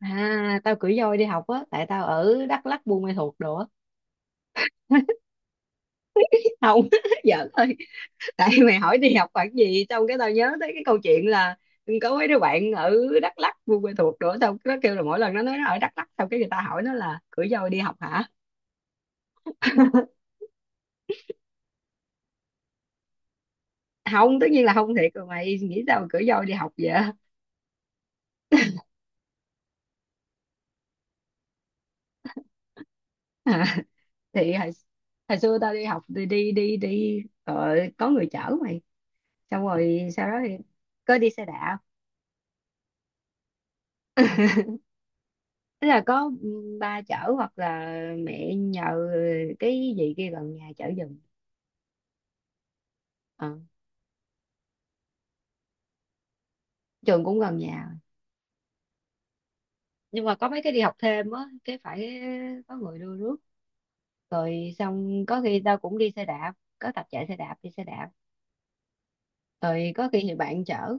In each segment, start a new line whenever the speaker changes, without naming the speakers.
À, tao cưỡi voi đi học á, tại tao ở Đắk Lắk Buôn Ma Thuột đồ á. Không. Giỡn thôi. Tại mày hỏi đi học khoảng gì xong cái tao nhớ tới cái câu chuyện là có mấy đứa bạn ở Đắk Lắk Buôn Ma Thuột đồ á, tao nó kêu là mỗi lần nó nói nó ở Đắk Lắk xong cái người ta hỏi nó là cưỡi voi đi học hả. Không, tất nhiên là không, thiệt rồi mày nghĩ sao mà cưỡi voi đi học vậy. À, thì hồi xưa tao đi học thì đi đi đi ờ, có người chở mày, xong rồi sau đó thì có đi xe đạp. Tức là có ba chở hoặc là mẹ nhờ cái gì kia gần nhà chở giùm. Ờ, trường cũng gần nhà, nhưng mà có mấy cái đi học thêm á cái phải có người đưa rước, rồi xong có khi tao cũng đi xe đạp, có tập chạy xe đạp đi xe đạp, rồi có khi thì bạn chở.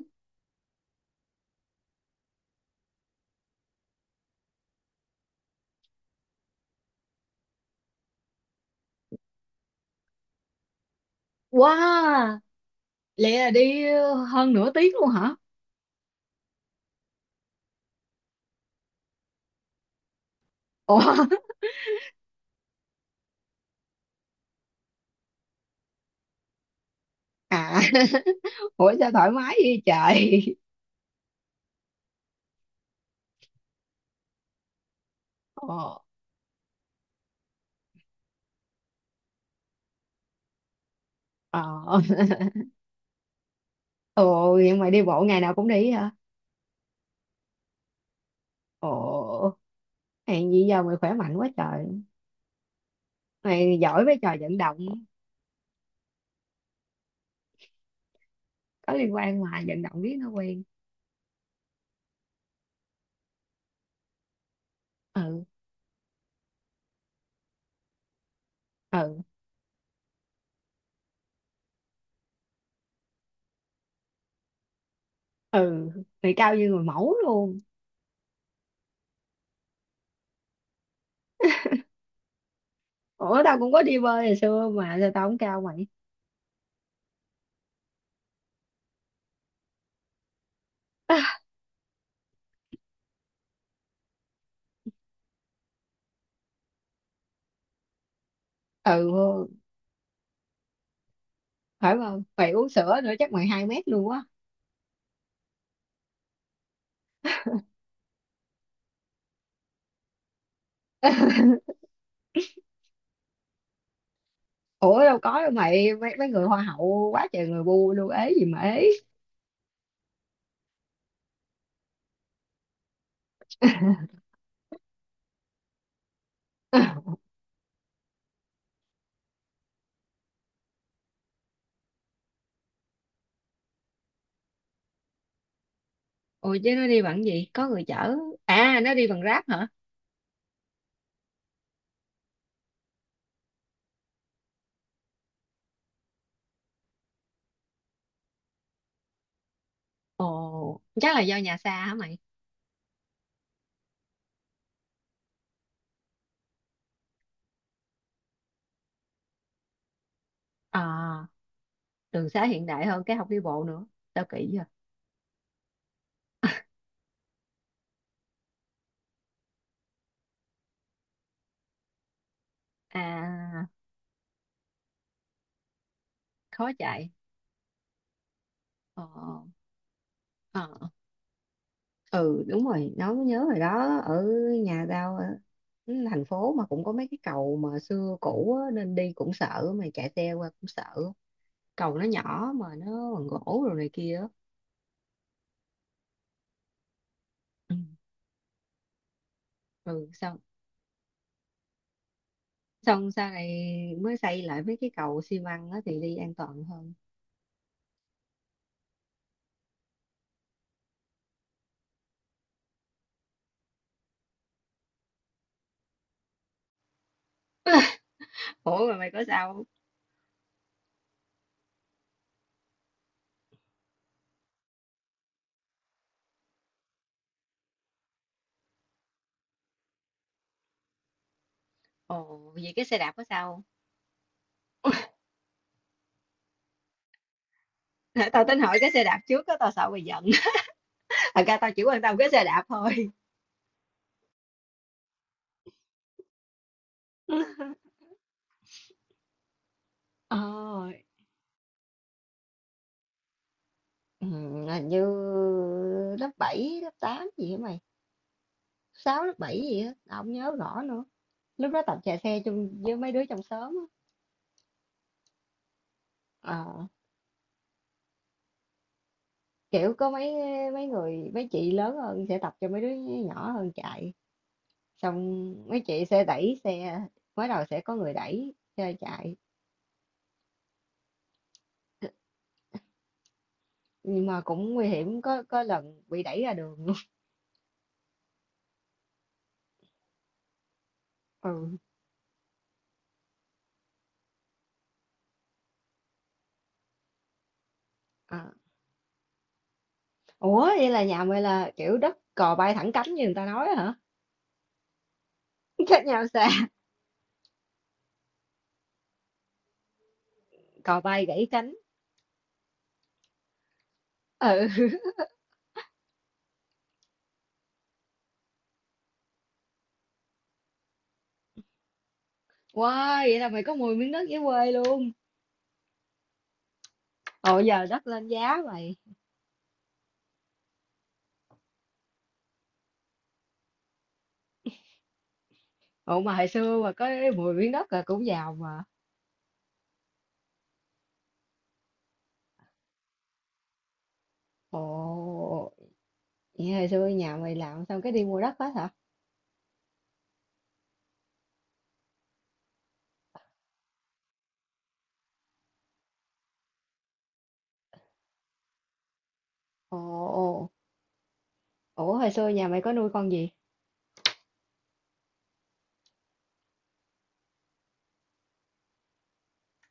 Wow, lẽ là đi hơn nửa tiếng luôn hả? Ủa. À. Ủa sao thoải mái vậy trời. Ồ. Ờ. Ồ, vậy mà đi bộ ngày nào cũng đi hả? Ồ. Hèn gì giờ mày khỏe mạnh quá trời. Mày giỏi với trò vận động. Có liên quan mà, vận động riết nó quen. Ừ. Ừ. Ừ. Mày cao như người mẫu luôn. Ủa tao cũng có đi bơi hồi xưa mà sao tao không cao mày? Ừ, phải không? Mày uống sữa nữa chắc mày 2 mét luôn á. Ủa đâu có đâu mày, mấy, mấy người hoa hậu quá trời người bu luôn, ế gì mà ế. Ồ chứ nó đi bằng gì? Có người chở. À nó đi bằng Grab hả? Ồ chắc là do nhà xa hả mày? À, đường xá hiện đại hơn cái không đi bộ nữa. Tao kỹ vậy? À, khó chạy. Ờ. Ờ. Ừ đúng rồi, nói mới nhớ rồi đó, ở nhà tao ở thành phố mà cũng có mấy cái cầu mà xưa cũ á, nên đi cũng sợ mà chạy xe qua cũng sợ, cầu nó nhỏ mà nó bằng gỗ rồi này kia á. Ừ. Ừ, xong, xong sau này mới xây lại mấy cái cầu xi măng á thì đi an toàn hơn. Ủa mà mày có sao không? Ồ, vậy cái xe đạp có sao không? Tao tính hỏi cái xe đạp trước á, tao sợ mày giận. Thật ra tao chỉ quan tâm cái xe đạp thôi. Ờ. Hình như lớp 7 lớp 8 gì hả mày? Sáu lớp 7 gì á, tao không nhớ rõ nữa. Lúc đó tập chạy xe chung với mấy đứa trong xóm á. Ờ, kiểu có mấy, mấy người mấy chị lớn hơn sẽ tập cho mấy đứa nhỏ hơn chạy. Xong mấy chị sẽ đẩy xe, mới đầu sẽ có người đẩy xe chạy. Nhưng mà cũng nguy hiểm, có lần bị đẩy ra đường luôn. Ừ. À. Ủa vậy là nhà mày là kiểu đất cò bay thẳng cánh như người ta nói hả? Cách nhau xa, cò bay gãy cánh. Ừ. Wow, vậy là mày có 10 miếng đất dưới quê luôn. Ồ giờ đất lên giá mày. Ồ mà hồi xưa mà có 10 miếng đất là cũng giàu mà. Ồ, vậy hồi xưa nhà mày làm xong cái đi mua đất hết hả? Ồ. Ồ. Ủa hồi xưa nhà mày có nuôi con gì?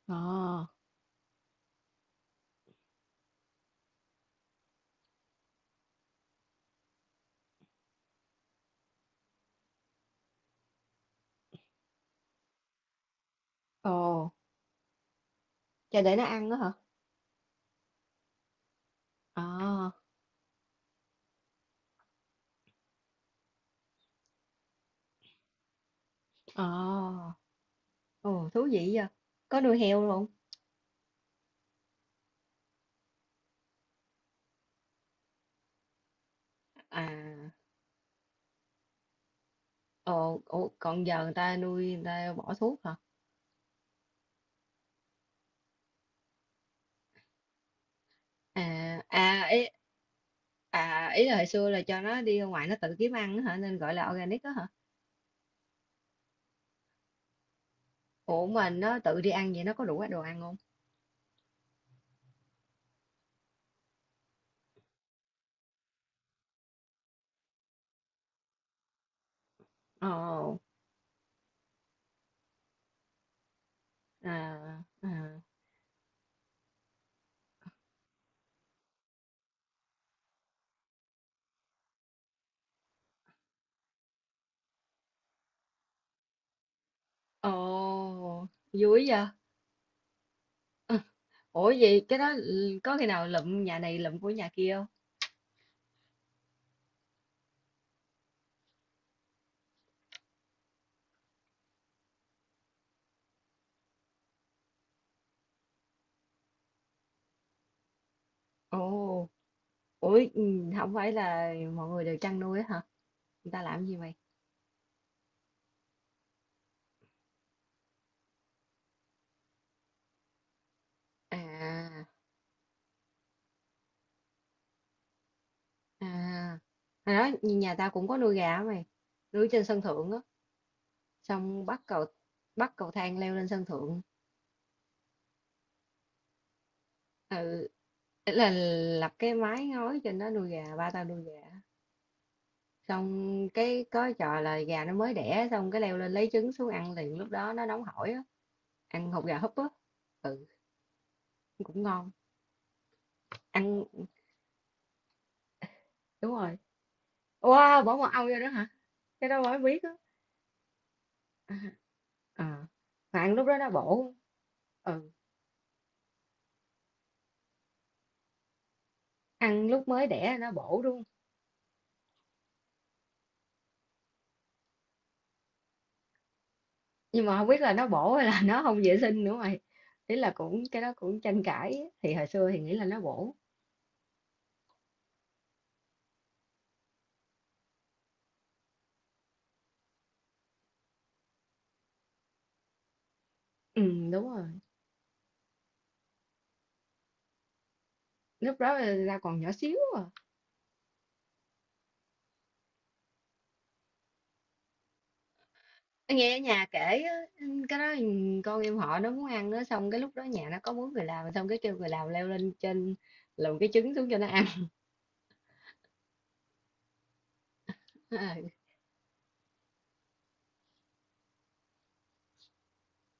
Ồ. Ồ. Cho để nó ăn đó hả? Ồ. Ồ. Ồ, thú vị vậy. Có nuôi heo luôn. À. Ồ, ủa, còn giờ người ta nuôi người ta bỏ thuốc hả? À, à, ý, à, ý là hồi xưa là cho nó đi ra ngoài nó tự kiếm ăn á hả, nên gọi là organic đó hả? Ủa mình nó tự đi ăn vậy nó có đủ đồ ăn không? Ồ. À. À. Ồ, vui vậy? Ủa vậy cái đó, ừ, có khi nào lụm nhà này lụm của nhà kia không? Ồ, ủa, ừ, không phải là mọi người đều chăn nuôi á hả? Người ta làm gì mày? À. À, hồi đó nhà tao cũng có nuôi gà á mày, nuôi trên sân thượng á. Xong bắt cầu, bắt cầu thang leo lên sân thượng. Ừ, ý là lập cái mái ngói trên đó nuôi gà, ba tao nuôi gà, xong cái có trò là gà nó mới đẻ xong cái leo lên lấy trứng xuống ăn liền lúc đó nó nóng hổi á, ăn hột gà húp á. Ừ, cũng ngon. Ăn, đúng rồi. Wow bỏ mật ong vô đó hả? Cái đó mới biết á. À, à. Mà ăn lúc đó nó bổ. Ừ, ăn lúc mới đẻ nó bổ đúng không? Nhưng mà không biết là nó bổ hay là nó không vệ sinh nữa mày. Ý là cũng cái đó cũng tranh cãi, thì hồi xưa thì nghĩ là nó bổ. Đúng rồi, lúc đó là tao còn nhỏ xíu à. Nghe ở nhà kể á, cái đó, con em họ nó muốn ăn á, xong cái lúc đó nhà nó có 4 người làm, xong cái kêu người làm leo lên trên luồn cái trứng xuống cho nó ăn.